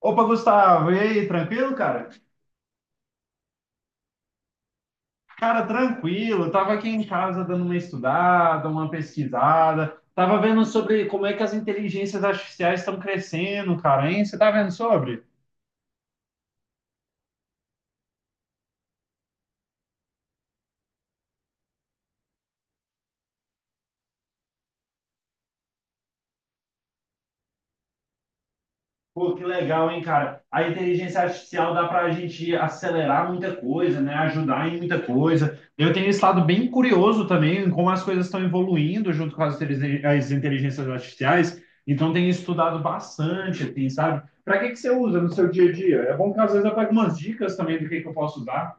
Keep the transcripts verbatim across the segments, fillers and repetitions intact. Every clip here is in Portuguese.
Opa, Gustavo, e aí, tranquilo, cara? Cara, tranquilo, eu tava aqui em casa dando uma estudada, uma pesquisada, tava vendo sobre como é que as inteligências artificiais estão crescendo, cara, hein? Você tá vendo sobre? Pô, que legal, hein, cara? A inteligência artificial dá para a gente acelerar muita coisa, né? Ajudar em muita coisa. Eu tenho estado bem curioso também em como as coisas estão evoluindo junto com as, inteligen- as inteligências artificiais. Então, tenho estudado bastante, assim, sabe? Para que que você usa no seu dia a dia? É bom que às vezes eu pegue umas dicas também do que que eu posso usar.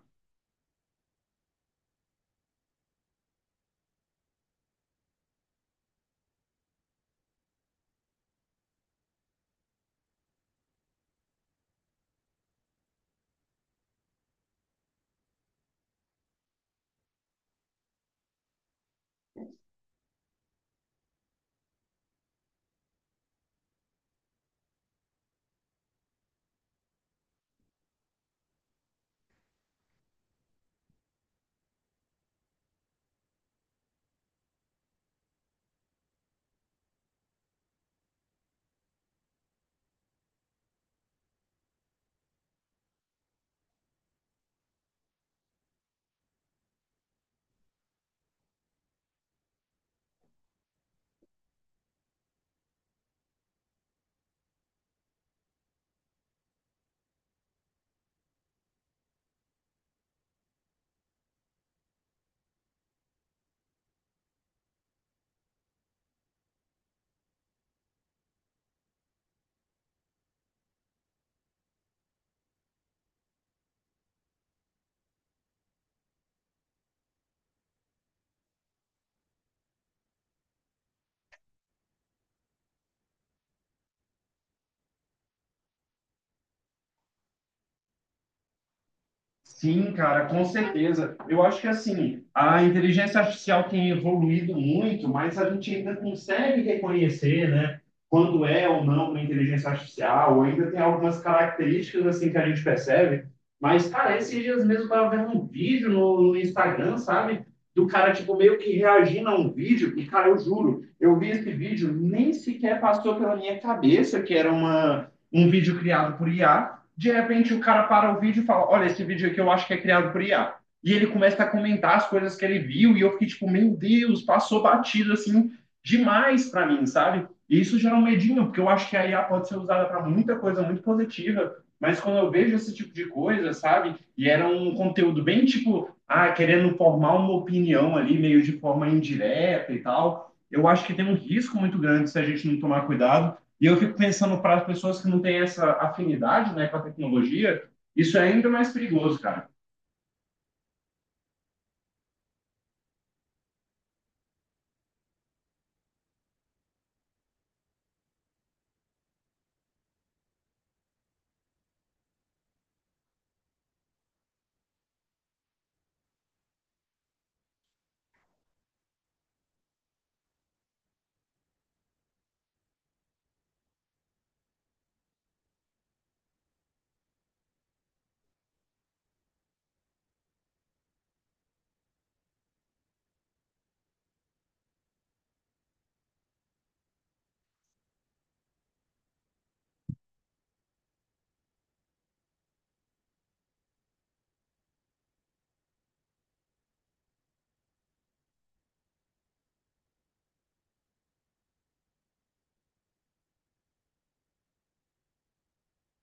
Sim, cara, com certeza. Eu acho que assim, a inteligência artificial tem evoluído muito, mas a gente ainda consegue reconhecer, né, quando é ou não uma inteligência artificial, ou ainda tem algumas características assim que a gente percebe. Mas, cara, esses dias mesmo eu tava vendo um vídeo no, no Instagram, sabe? Do cara, tipo, meio que reagindo a um vídeo, e, cara, eu juro, eu vi esse vídeo, nem sequer passou pela minha cabeça que era uma, um vídeo criado por I A. De repente o cara para o vídeo e fala: Olha, esse vídeo aqui eu acho que é criado por I A. E ele começa a comentar as coisas que ele viu, e eu fiquei tipo, meu Deus, passou batido assim demais para mim, sabe? E isso gera um medinho, porque eu acho que a I A pode ser usada para muita coisa muito positiva, mas quando eu vejo esse tipo de coisa, sabe? E era um conteúdo bem tipo, ah, querendo formar uma opinião ali, meio de forma indireta e tal, eu acho que tem um risco muito grande se a gente não tomar cuidado e eu fico pensando para as pessoas que não têm essa afinidade, né, com a tecnologia, isso é ainda mais perigoso, cara.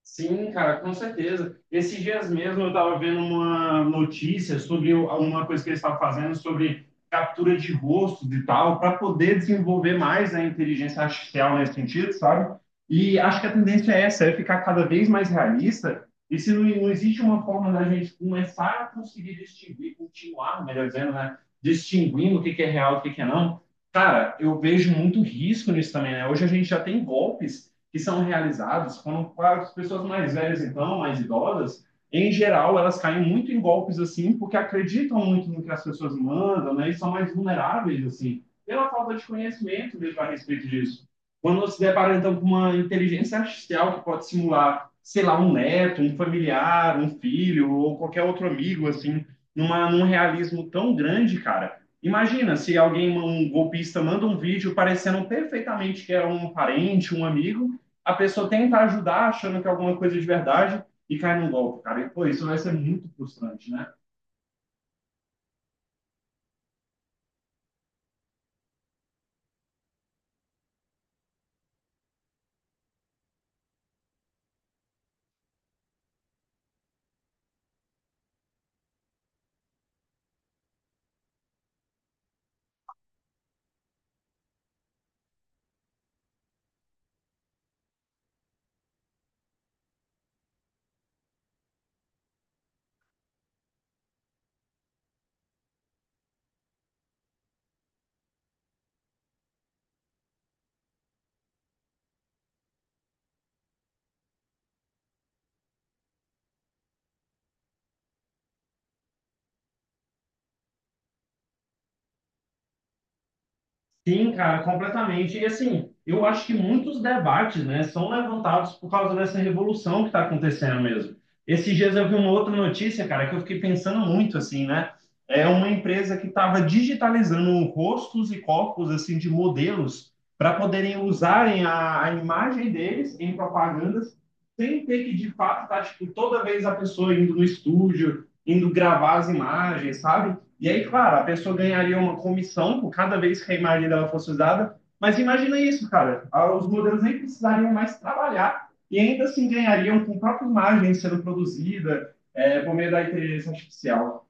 Sim, cara, com certeza. Esses dias mesmo eu estava vendo uma notícia sobre o- uma coisa que eles estavam fazendo sobre captura de rostos e tal, para poder desenvolver mais a inteligência artificial nesse sentido, sabe? E acho que a tendência é essa, é ficar cada vez mais realista. E se não, não existe uma forma da gente começar a conseguir distinguir, continuar, melhor dizendo, né? Distinguindo o que que é real e o que que é não, cara, eu vejo muito risco nisso também, né? Hoje a gente já tem golpes que são realizados quando para as pessoas mais velhas, então, mais idosas, em geral, elas caem muito em golpes assim, porque acreditam muito no que as pessoas mandam, né? E são mais vulneráveis, assim, pela falta de conhecimento mesmo a respeito disso. Quando nós se depara, então, com uma inteligência artificial que pode simular, sei lá, um neto, um familiar, um filho ou qualquer outro amigo, assim, numa, num realismo tão grande, cara. Imagina se alguém, um golpista, manda um vídeo parecendo perfeitamente que é um parente, um amigo, a pessoa tenta ajudar achando que é alguma coisa de verdade e cai num golpe, cara. E, pô, isso vai ser muito frustrante, né? Sim, cara, completamente. E assim, eu acho que muitos debates, né, são levantados por causa dessa revolução que está acontecendo mesmo. Esses dias eu vi uma outra notícia, cara, que eu fiquei pensando muito, assim, né? É uma empresa que estava digitalizando rostos e corpos, assim, de modelos para poderem usarem a, a imagem deles em propagandas sem ter que, de fato, tá, tipo, toda vez a pessoa indo no estúdio, indo gravar as imagens, sabe? E aí, claro, a pessoa ganharia uma comissão por cada vez que a imagem dela fosse usada. Mas imagina isso, cara. Os modelos nem precisariam mais trabalhar e ainda assim ganhariam com a própria imagem sendo produzida é, por meio da inteligência artificial.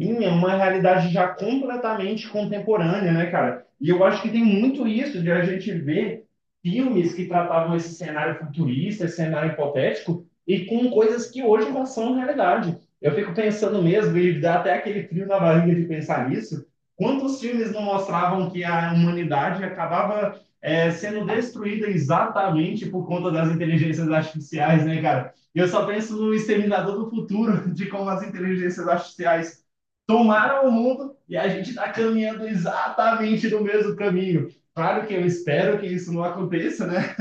Sim, é uma realidade já completamente contemporânea, né, cara? E eu acho que tem muito isso de a gente ver filmes que tratavam esse cenário futurista, esse cenário hipotético, e com coisas que hoje já são realidade. Eu fico pensando mesmo, e dá até aquele frio na barriga de pensar nisso, quantos filmes não mostravam que a humanidade acabava, eh, sendo destruída exatamente por conta das inteligências artificiais, né, cara? Eu só penso no Exterminador do Futuro, de como as inteligências artificiais tomaram o mundo e a gente está caminhando exatamente no mesmo caminho. Claro que eu espero que isso não aconteça, né?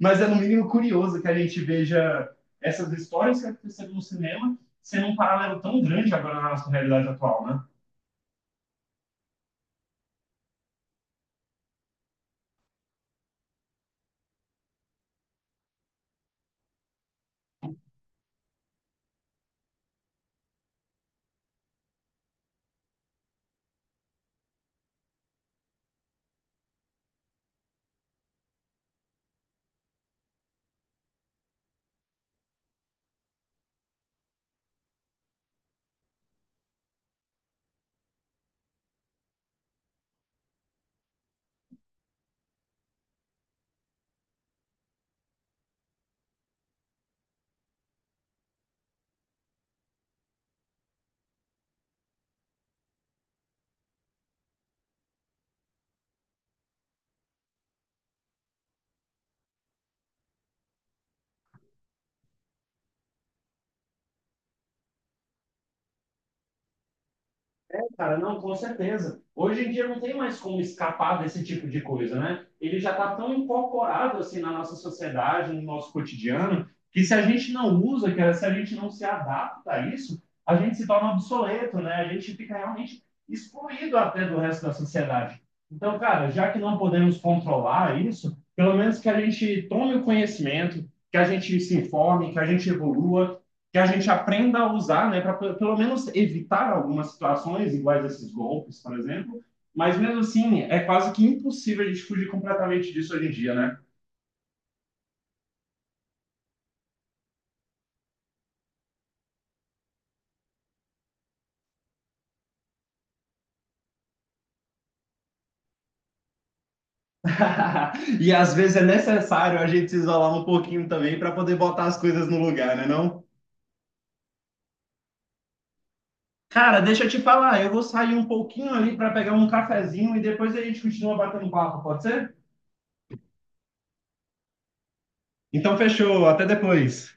Mas é no mínimo curioso que a gente veja essas histórias que aconteceram no cinema sendo um paralelo tão grande agora na nossa realidade atual, né? É, cara, não, com certeza. Hoje em dia não tem mais como escapar desse tipo de coisa, né? Ele já está tão incorporado assim na nossa sociedade, no nosso cotidiano, que se a gente não usa, cara, se a gente não se adapta a isso, a gente se torna obsoleto, né? A gente fica realmente excluído até do resto da sociedade. Então, cara, já que não podemos controlar isso, pelo menos que a gente tome o conhecimento, que a gente se informe, que a gente evolua, que a gente aprenda a usar, né, para pelo menos evitar algumas situações iguais a esses golpes, por exemplo. Mas mesmo assim, é quase que impossível a gente fugir completamente disso hoje em dia, né? E às vezes é necessário a gente se isolar um pouquinho também para poder botar as coisas no lugar, né, não? Cara, deixa eu te falar, eu vou sair um pouquinho ali para pegar um cafezinho e depois a gente continua batendo papo, pode ser? Então fechou, até depois.